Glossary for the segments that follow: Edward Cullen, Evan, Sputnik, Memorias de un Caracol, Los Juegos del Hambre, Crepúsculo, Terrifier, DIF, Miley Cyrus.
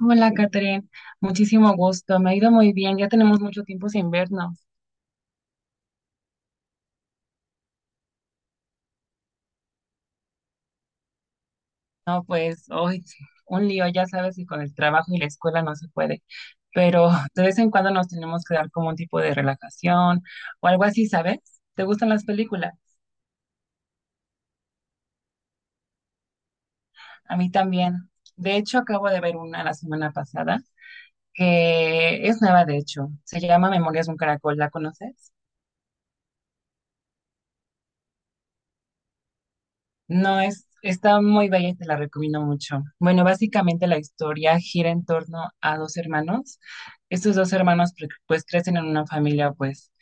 Hola, Catherine. Muchísimo gusto. Me ha ido muy bien. Ya tenemos mucho tiempo sin vernos. No, pues hoy un lío, ya sabes, y con el trabajo y la escuela no se puede. Pero de vez en cuando nos tenemos que dar como un tipo de relajación o algo así, ¿sabes? ¿Te gustan las películas? A mí también. De hecho, acabo de ver una la semana pasada que es nueva, de hecho. Se llama Memorias de un Caracol. ¿La conoces? No, es, está muy bella y te la recomiendo mucho. Bueno, básicamente la historia gira en torno a dos hermanos. Estos dos hermanos pues crecen en una familia pues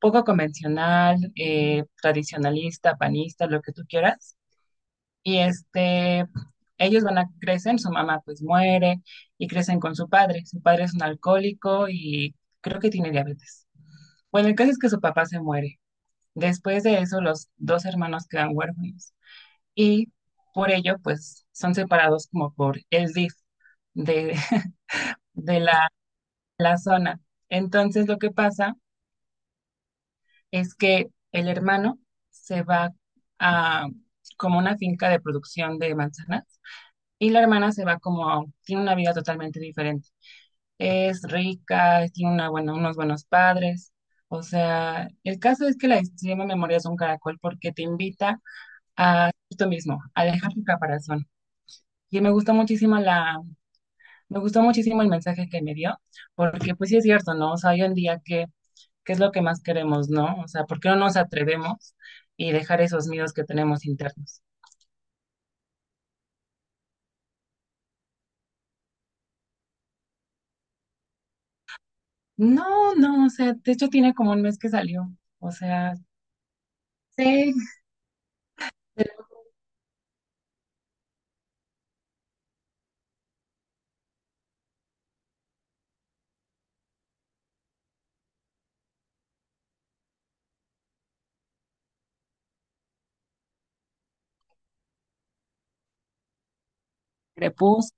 poco convencional, tradicionalista, panista, lo que tú quieras. Y este, ellos van a crecen, su mamá pues muere y crecen con su padre. Su padre es un alcohólico y creo que tiene diabetes. Bueno, el caso es que su papá se muere. Después de eso, los dos hermanos quedan huérfanos y por ello, pues son separados como por el DIF de, de la, la zona. Entonces, lo que pasa es que el hermano se va a como una finca de producción de manzanas y la hermana se va como, tiene una vida totalmente diferente. Es rica, tiene una, bueno unos buenos padres. O sea, el caso es que la extrema memoria es un caracol porque te invita tú mismo a dejar tu caparazón. Y me gusta muchísimo la, me gustó muchísimo el mensaje que me dio, porque pues sí es cierto, ¿no? O sea, hoy en día, ¿qué, qué es lo que más queremos, ¿no? O sea, ¿por qué no nos atrevemos y dejar esos miedos que tenemos internos? No, no, o sea, de hecho tiene como un mes que salió, o sea, sé del Crepúsculo,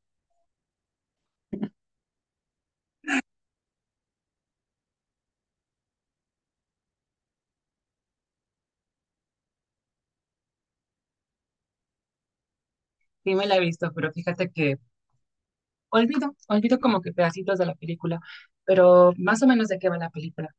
sí me la he visto, pero fíjate que olvido, olvido como que pedacitos de la película, pero más o menos de qué va la película.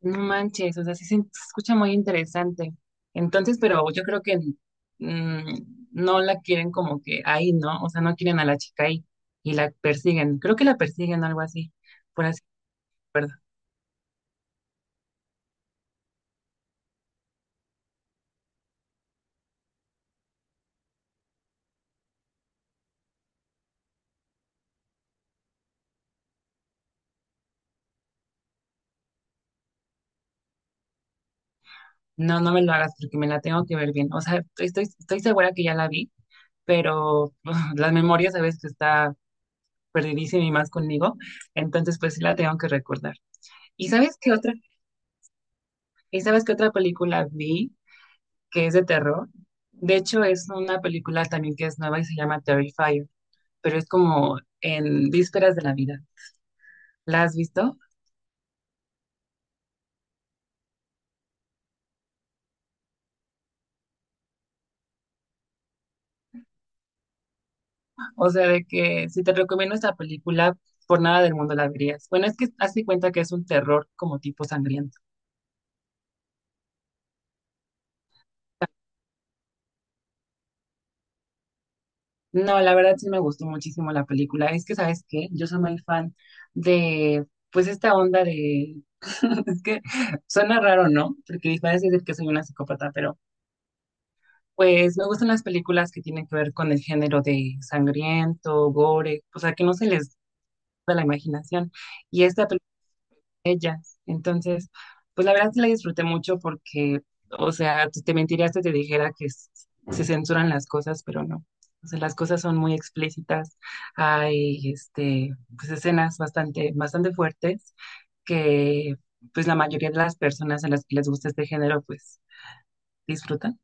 No manches, o sea, sí se escucha muy interesante. Entonces, pero yo creo que mm, no la quieren como que ahí, ¿no? O sea, no quieren a la chica ahí y la persiguen. Creo que la persiguen o algo así, por así, recuerdo. No, no me lo hagas porque me la tengo que ver bien. O sea, estoy segura que ya la vi, pero las memorias a veces está perdidísima y más conmigo. Entonces, pues sí la tengo que recordar. ¿Y sabes qué otra? ¿Y sabes qué otra película vi? Que es de terror. De hecho, es una película también que es nueva y se llama Terrifier, pero es como en vísperas de la vida. ¿La has visto? O sea, de que si te recomiendo esta película, por nada del mundo la verías. Bueno, es que hazte cuenta que es un terror como tipo sangriento. No, la verdad sí me gustó muchísimo la película. Es que, ¿sabes qué? Yo soy muy fan de, pues, esta onda de... es que suena raro, ¿no? Porque parece decir que soy una psicópata, pero pues me gustan las películas que tienen que ver con el género de sangriento, gore, o sea, que no se les da la imaginación. Y esta película de ellas. Entonces, pues la verdad sí la disfruté mucho porque, o sea, te mentirías si te dijera que se censuran las cosas, pero no. O sea, las cosas son muy explícitas. Hay, pues escenas bastante, bastante fuertes que, pues la mayoría de las personas a las que les gusta este género, pues disfrutan.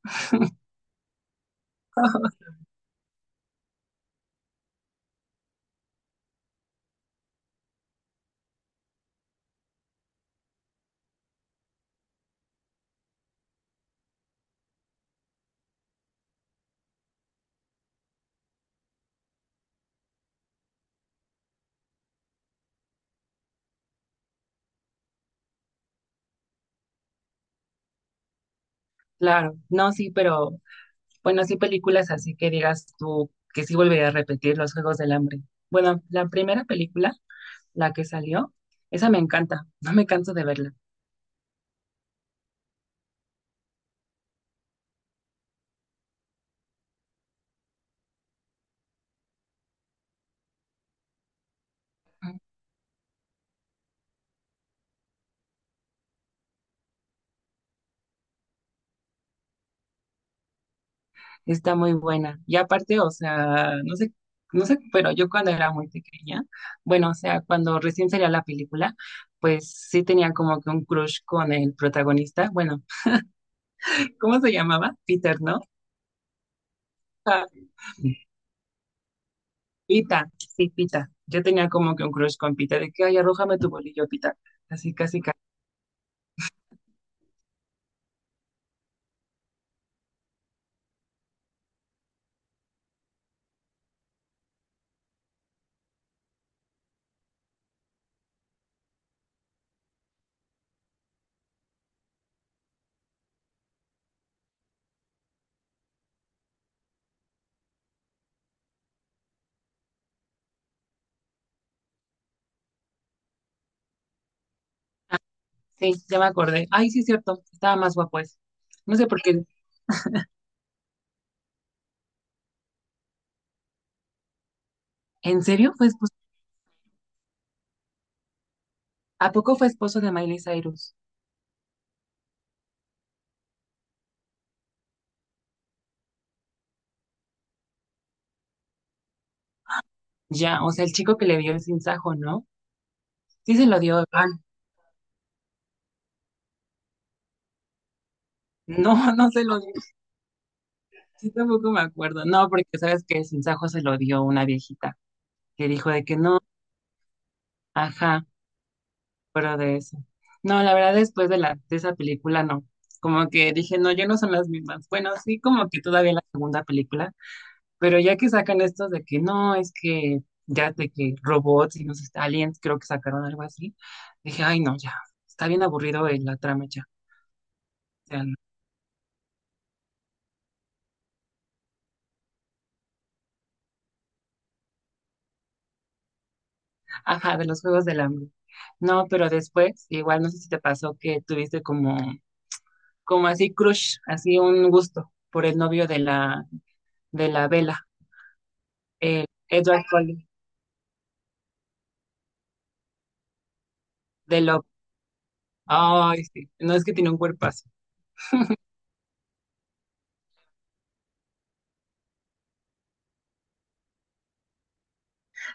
Claro, no, sí, pero bueno, sí, películas así que digas tú que sí volvería a repetir Los Juegos del Hambre. Bueno, la primera película, la que salió, esa me encanta, no me canso de verla. Está muy buena. Y aparte, o sea, no sé, pero yo cuando era muy pequeña, bueno, o sea, cuando recién salía la película, pues sí tenía como que un crush con el protagonista. Bueno, ¿cómo se llamaba? Peter, ¿no? Ah, Pita, sí, Pita. Yo tenía como que un crush con Pita, de que, ay, arrójame tu bolillo, Pita. Así casi sí, ya me acordé. Ay, sí, es cierto. Estaba más guapo ese. No sé por qué. ¿En serio fue esposo? ¿A poco fue esposo de Miley Cyrus? Ya, o sea, el chico que le dio el sinsajo, ¿no? Sí se lo dio Evan. No, no se lo dio. Sí, tampoco me acuerdo. No, porque sabes que el sinsajo se lo dio una viejita que dijo de que no, ajá, pero de eso. No, la verdad, después de la, de esa película, no. Como que dije, no, ya no son las mismas. Bueno, sí, como que todavía la segunda película. Pero ya que sacan estos de que no, es que ya de que robots y no sé, aliens, creo que sacaron algo así, dije, ay, no, ya, está bien aburrido la trama ya. O sea, no. Ajá, de los Juegos del Hambre. No, pero después, igual no sé si te pasó que tuviste como, como así crush, así un gusto por el novio de la Bella, el Edward Cullen, de Love. Ay, sí, no es que tiene un cuerpo.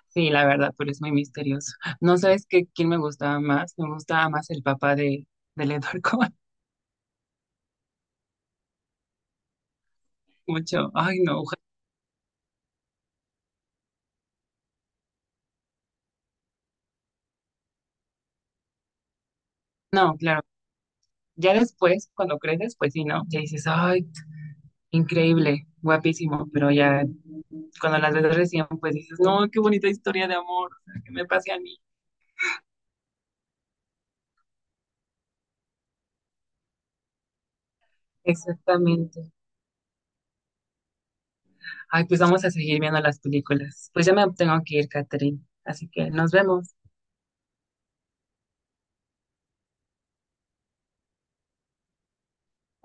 Sí, la verdad, pero es muy misterioso. No sabes qué, quién me gustaba más. Me gustaba más el papá de, del Edward Cullen. Mucho. Ay, no. No, claro. Ya después, cuando creces, pues sí, ¿no? Ya dices, ay, increíble, guapísimo. Pero ya cuando las ves recién, pues dices, no, qué bonita historia de amor. O sea, que me pase a mí. Exactamente. Ay, pues vamos a seguir viendo las películas. Pues ya me tengo que ir, Catherine. Así que nos vemos.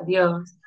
Adiós.